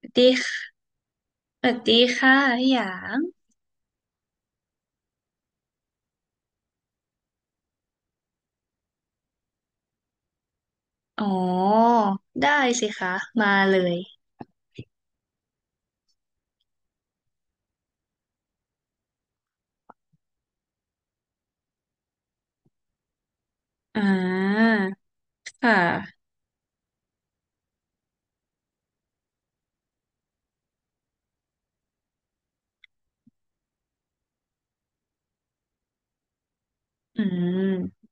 สวัสดีค่ะสวัสดีค่ะพี่หยางอ๋อได้สิคะมาเลยอ่าค่ะอืม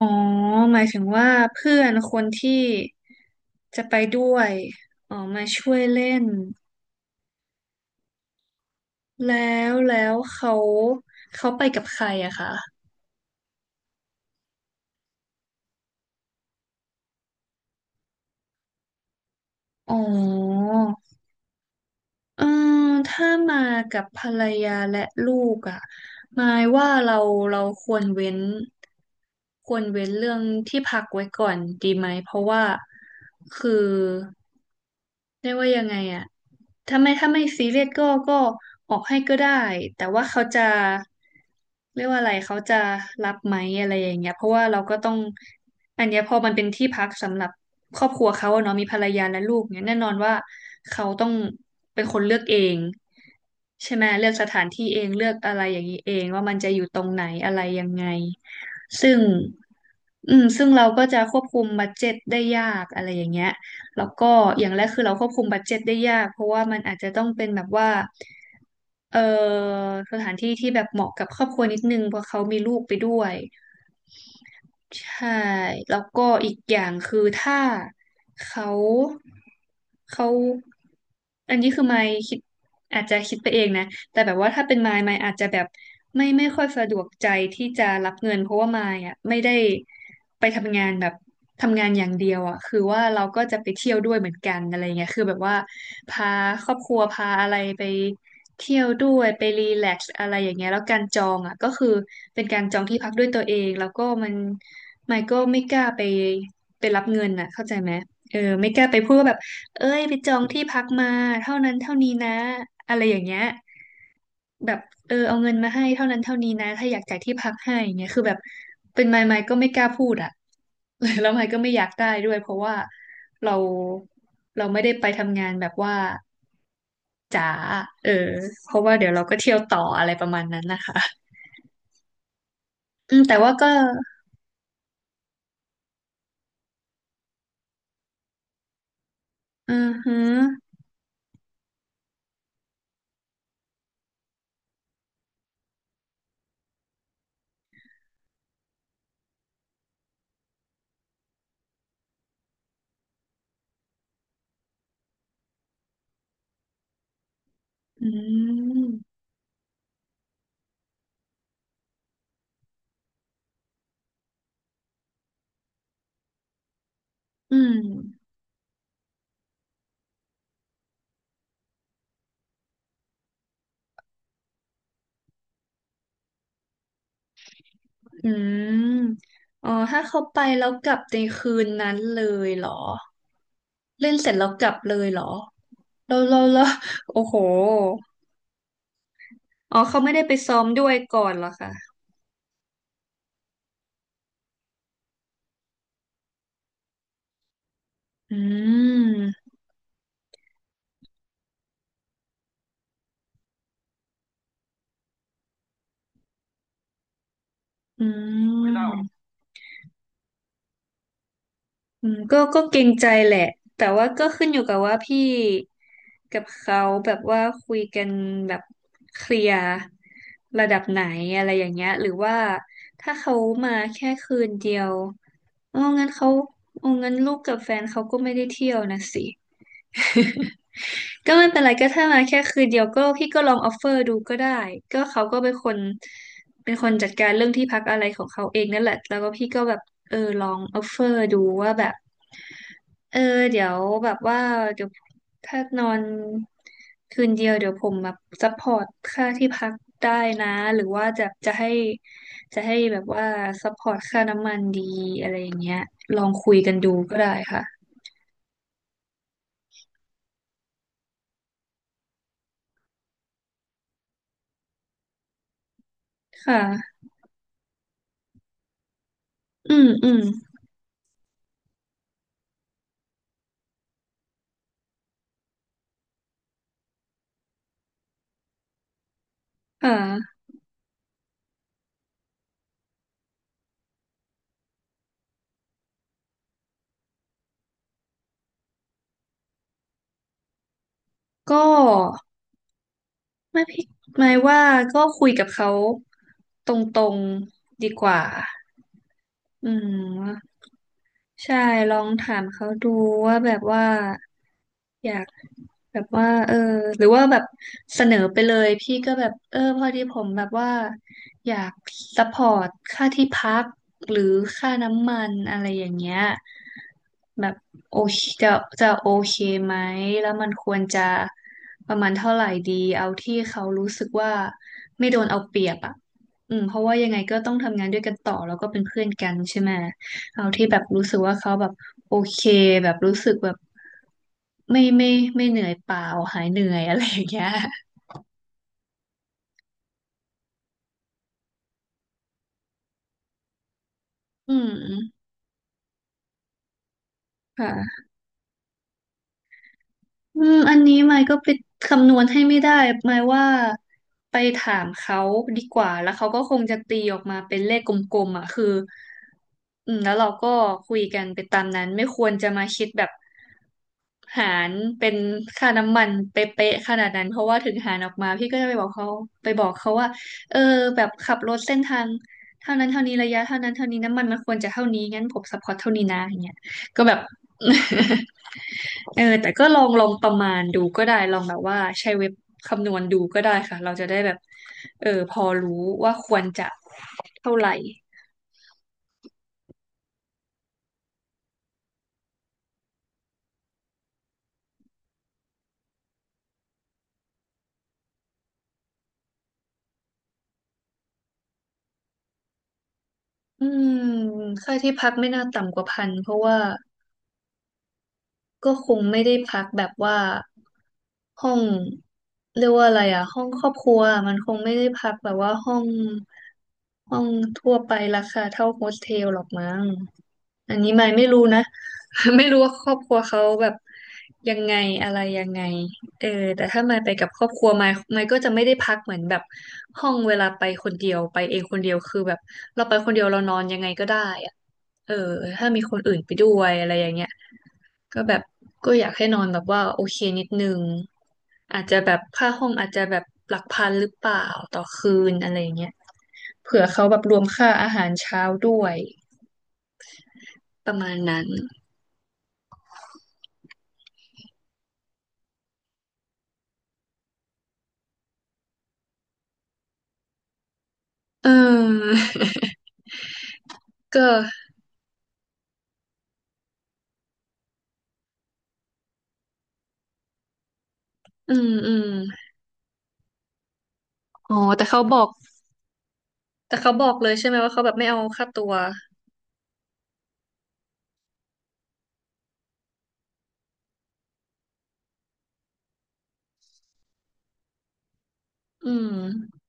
อ๋อหมายถึงว่าเพื่อนคนที่จะไปด้วยอ๋อมาช่วยเล่นแล้วเขาไปกับใครอะคะอ๋อ เออถ้ามากับภรรยาและลูกอ่ะหมายว่าเราควรเว้นควรเว้นเรื่องที่พักไว้ก่อนดีไหมเพราะว่าคือเรียกว่ายังไงอ่ะ ถ้าไม่ซีเรียสก็ออกให้ก็ได้แต่ว่าเขาจะเรียกว่าอะไรเขาจะรับไหมอะไรอย่างเงี้ยเพราะว่าเราก็ต้องอันเนี้ยพอมันเป็นที่พักสำหรับครอบครัวเขาอะเนาะมีภรรยาและลูกเนี่ยแน่นอนว่าเขาต้องเป็นคนเลือกเองใช่ไหมเลือกสถานที่เองเลือกอะไรอย่างนี้เองว่ามันจะอยู่ตรงไหนอะไรยังไงซึ่งอืมซึ่งเราก็จะควบคุมบัดเจ็ตได้ยากอะไรอย่างเงี้ย แล้วก็อย่างแรกคือเราควบคุมบัดเจ็ตได้ยากเพราะว่ามันอาจจะต้องเป็นแบบว่าเอ่อสถานที่ที่แบบเหมาะกับครอบครัวนิดนึงเพราะเขามีลูกไปด้วยใช่แล้วก็อีกอย่างคือถ้าเขาเขาอันนี้คือไม่คิดอาจจะคิดไปเองนะ แต่แบบว่าถ้าเป็นมายมายอาจจะแบบไม่ค่อยสะดวกใจที่จะรับเงินเพราะว่ามายอ่ะไม่ได้ไปทำงานแบบทำงานอย่างเดียวอ่ะคือว่าเราก็จะไปเที่ยวด้วยเหมือนกันอะไรเงี้ยคือแบบว่าพาครอบครัวพาอะไรไปเที่ยวด้วยไปรีแลกซ์อะไรอย่างเงี้ยแล้วการจองอ่ะก็คือเป็นการจองที่พักด้วยตัวเองแล้วก็มันมายก็ไม่กล้าไปไปรับเงินอ่ะเข้าใจไหมเออไม่กล้าไปพูดว่าแบบ เอ้ยไปจองที่พักมาเท่านั้นเท่านี้นะอะไรอย่างเงี้ยแบบเออเอาเงินมาให้เท่านั้นเท่านี้นะถ้าอยากจ่ายที่พักให้อย่างเงี้ยคือแบบเป็นไมค์ไมค์ก็ไม่กล้าพูดอ่ะ แล้วไมค์ก็ไม่อยากได้ด้วยเพราะว่าเราเราไม่ได้ไปทำงานแบบว่าจ๋าเออเพราะว่าเดี๋ยวเราก็เที่ยวต่ออะไรประมาณนั้นนะคะอืมแต่ว่าก็อือฮึอืมอืม อืม อ๋อ ถ้าเขาไปแล้วกลับในคืนนั้นเลยเหรอ เล่นเสร็จแล้วกลับเลยเหรอเราโอ้โห อ๋อเขาไม่ได้ไปซ้อมด้วยก่อนเหรอคะอืม อืม อืมก็เกรงใจแหละแต่ว่าก็ขึ้นอยู่กับว่าพี่กับเขาแบบว่าคุยกันแบบเคลียร์ระดับไหนอะไรอย่างเงี้ยหรือว่าถ้าเขามาแค่คืนเดียวอ๋องั้นเขาอ๋องั้นลูกกับแฟนเขาก็ไม่ได้เที่ยวนะสิ ก็ไม่เป็นไรก็ถ้ามาแค่คืนเดียวก็พี่ก็ลองออฟเฟอร์ดูก็ได้ก็เขาก็เป็นคนเป็นคนจัดการเรื่องที่พักอะไรของเขาเองนั่นแหละแล้วก็พี่ก็แบบเออลองออฟเฟอร์ดูว่าแบบเออเดี๋ยวแบบว่าเดี๋ยวถ้านอนคืนเดียวเดี๋ยวผมแบบซัพพอร์ตค่าที่พักได้นะหรือว่าจะให้แบบว่าซัพพอร์ตค่าน้ำมันดีอะไรอย่างเงี้ยลองคุยกันดูก็ได้ค่ะค่ะอืมอืม อ่าก็ไม่พี่หมายว่าก็คุยกับเขาตรงๆดีกว่าอืมใช่ลองถามเขาดูว่าแบบว่าอยาก แบบว่าเออหรือว่าแบบเสนอไปเลยพี่ก็แบบเออพอดีผมแบบว่าอยากซัพพอร์ตค่าที่พักหรือค่าน้ำมันอะไรอย่างเงี้ยแบบโอเคจะโอเคไหมแล้วมันควรจะประมาณเท่าไหร่ดีเอาที่เขารู้สึกว่าไม่โดนเอาเปรียบอ่ะอืมเพราะว่ายังไงก็ต้องทำงานด้วยกันต่อแล้วก็เป็นเพื่อนกันใช่ไหมเอาที่แบบรู้สึกว่าเขาแบบโอเคแบบรู้สึกแบบ ไม่ไม่ไม่เหนื่อยเปล่าหายเหนื่อยอะไรอย่างเงี้ยอืมค่ะ อืมอันนี้ไมค์ก็ไปคำนวณให้ไม่ได้ไมค์ว่าไปถามเขาดีกว่าแล้วเขาก็คงจะตีออกมาเป็นเลขกลมๆอ่ะคืออืมแล้วเราก็คุยกันไปตามนั้นไม่ควรจะมาคิดแบบหารเป็นค่าน้ำมันเป๊ะๆขนาดนั้นเพราะว่าถึงหารออกมาพี่ก็จะไปบอกเขาไปบอกเขาว่าเออแบบขับรถเส้นทางเท่านั้นเท่านี้ระยะเท่านั้นเท่านี้น้ำมันมันควรจะเท่านี้งั้นผมซัพพอร์ตเท่านี้นะอย่างเงี้ยก็แบบ เออแต่ก็ลองประมาณดูก็ได้ลองแบบว่าใช้เว็บคำนวณดูก็ได้ค่ะเราจะได้แบบเออพอรู้ว่าควรจะเท่าไหร่อืมค่าที่พักไม่น่าต่ำกว่าพันเพราะว่า ก็คงไม่ได้พักแบบว่าห้องเรียกว่าอะไรอะห้องครอบครัวมันคงไม่ได้พักแบบว่าห้องทั่วไปราคาเท่าโฮสเทลหรอกมั้งอันนี้ไม่รู้นะ ไม่รู้ว่าครอบครัวเขาแบบยังไงอะไรยังไงเออแต่ถ้าไม่ไปกับครอบครัวไม่ก็จะไม่ได้พักเหมือนแบบห้องเวลาไปคนเดียวไปเองคนเดียวคือแบบเราไปคนเดียวเรานอนยังไงก็ได้อะเออถ้ามีคนอื่นไปด้วยอะไรอย่างเงี้ย ก็แบบก็อยากให้นอนแบบว่าโอเคนิดนึงอาจจะแบบค่าห้องอาจจะแบบหลักพันหรือเปล่าต่อคืนอะไรอย่างเงี้ยเผื่อเขาแบบรวมค่าอาหารเช้าด้วยประมาณนั้นเออ ก็อืมอืมอ๋อแต่เขาบอกเลยใช่ไหมว่าเขาแบบไม่เอาค่าตัวอืม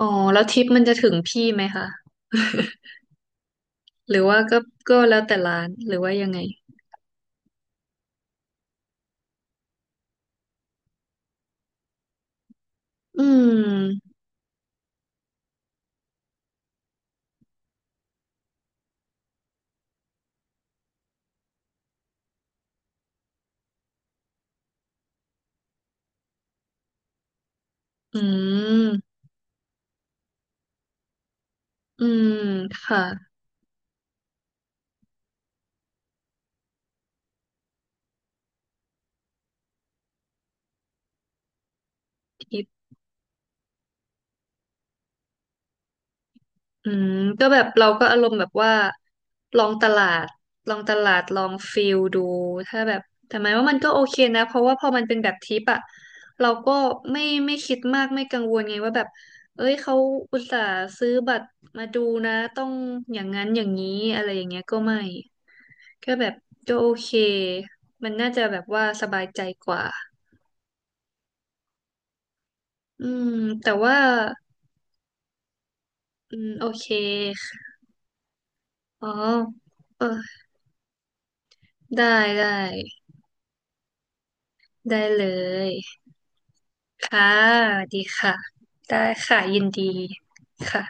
อ๋อแล้วทิปมันจะถึงพี่ไหมคะ หรือว่าก็ก็แล้วแต่ร้านหรือว่ายังไงอืมอืมอืมค่ะ อืมก็แบบเราก็อารมณ์แบบว่าลองตลาดลองตลาดลองฟิลดูถ้าแบบแต่หมายว่ามันก็โอเคนะเพราะว่าพอมันเป็นแบบทิปอะเราก็ไม่ไม่คิดมากไม่กังวลไงว่าแบบเอ้ยเขาอุตส่าห์ซื้อบัตรมาดูนะต้องอย่างนั้นอย่างนี้อะไรอย่างเงี้ยก็ไม่ก็แบบก็โอเคมันน่าจะแบบว่าสบายใจกว่าอืมแต่ว่าอืมโอเคอ๋อเออได้ได้ได้เลย ค่ะดีค่ะได้ค่ะยินดีค่ะ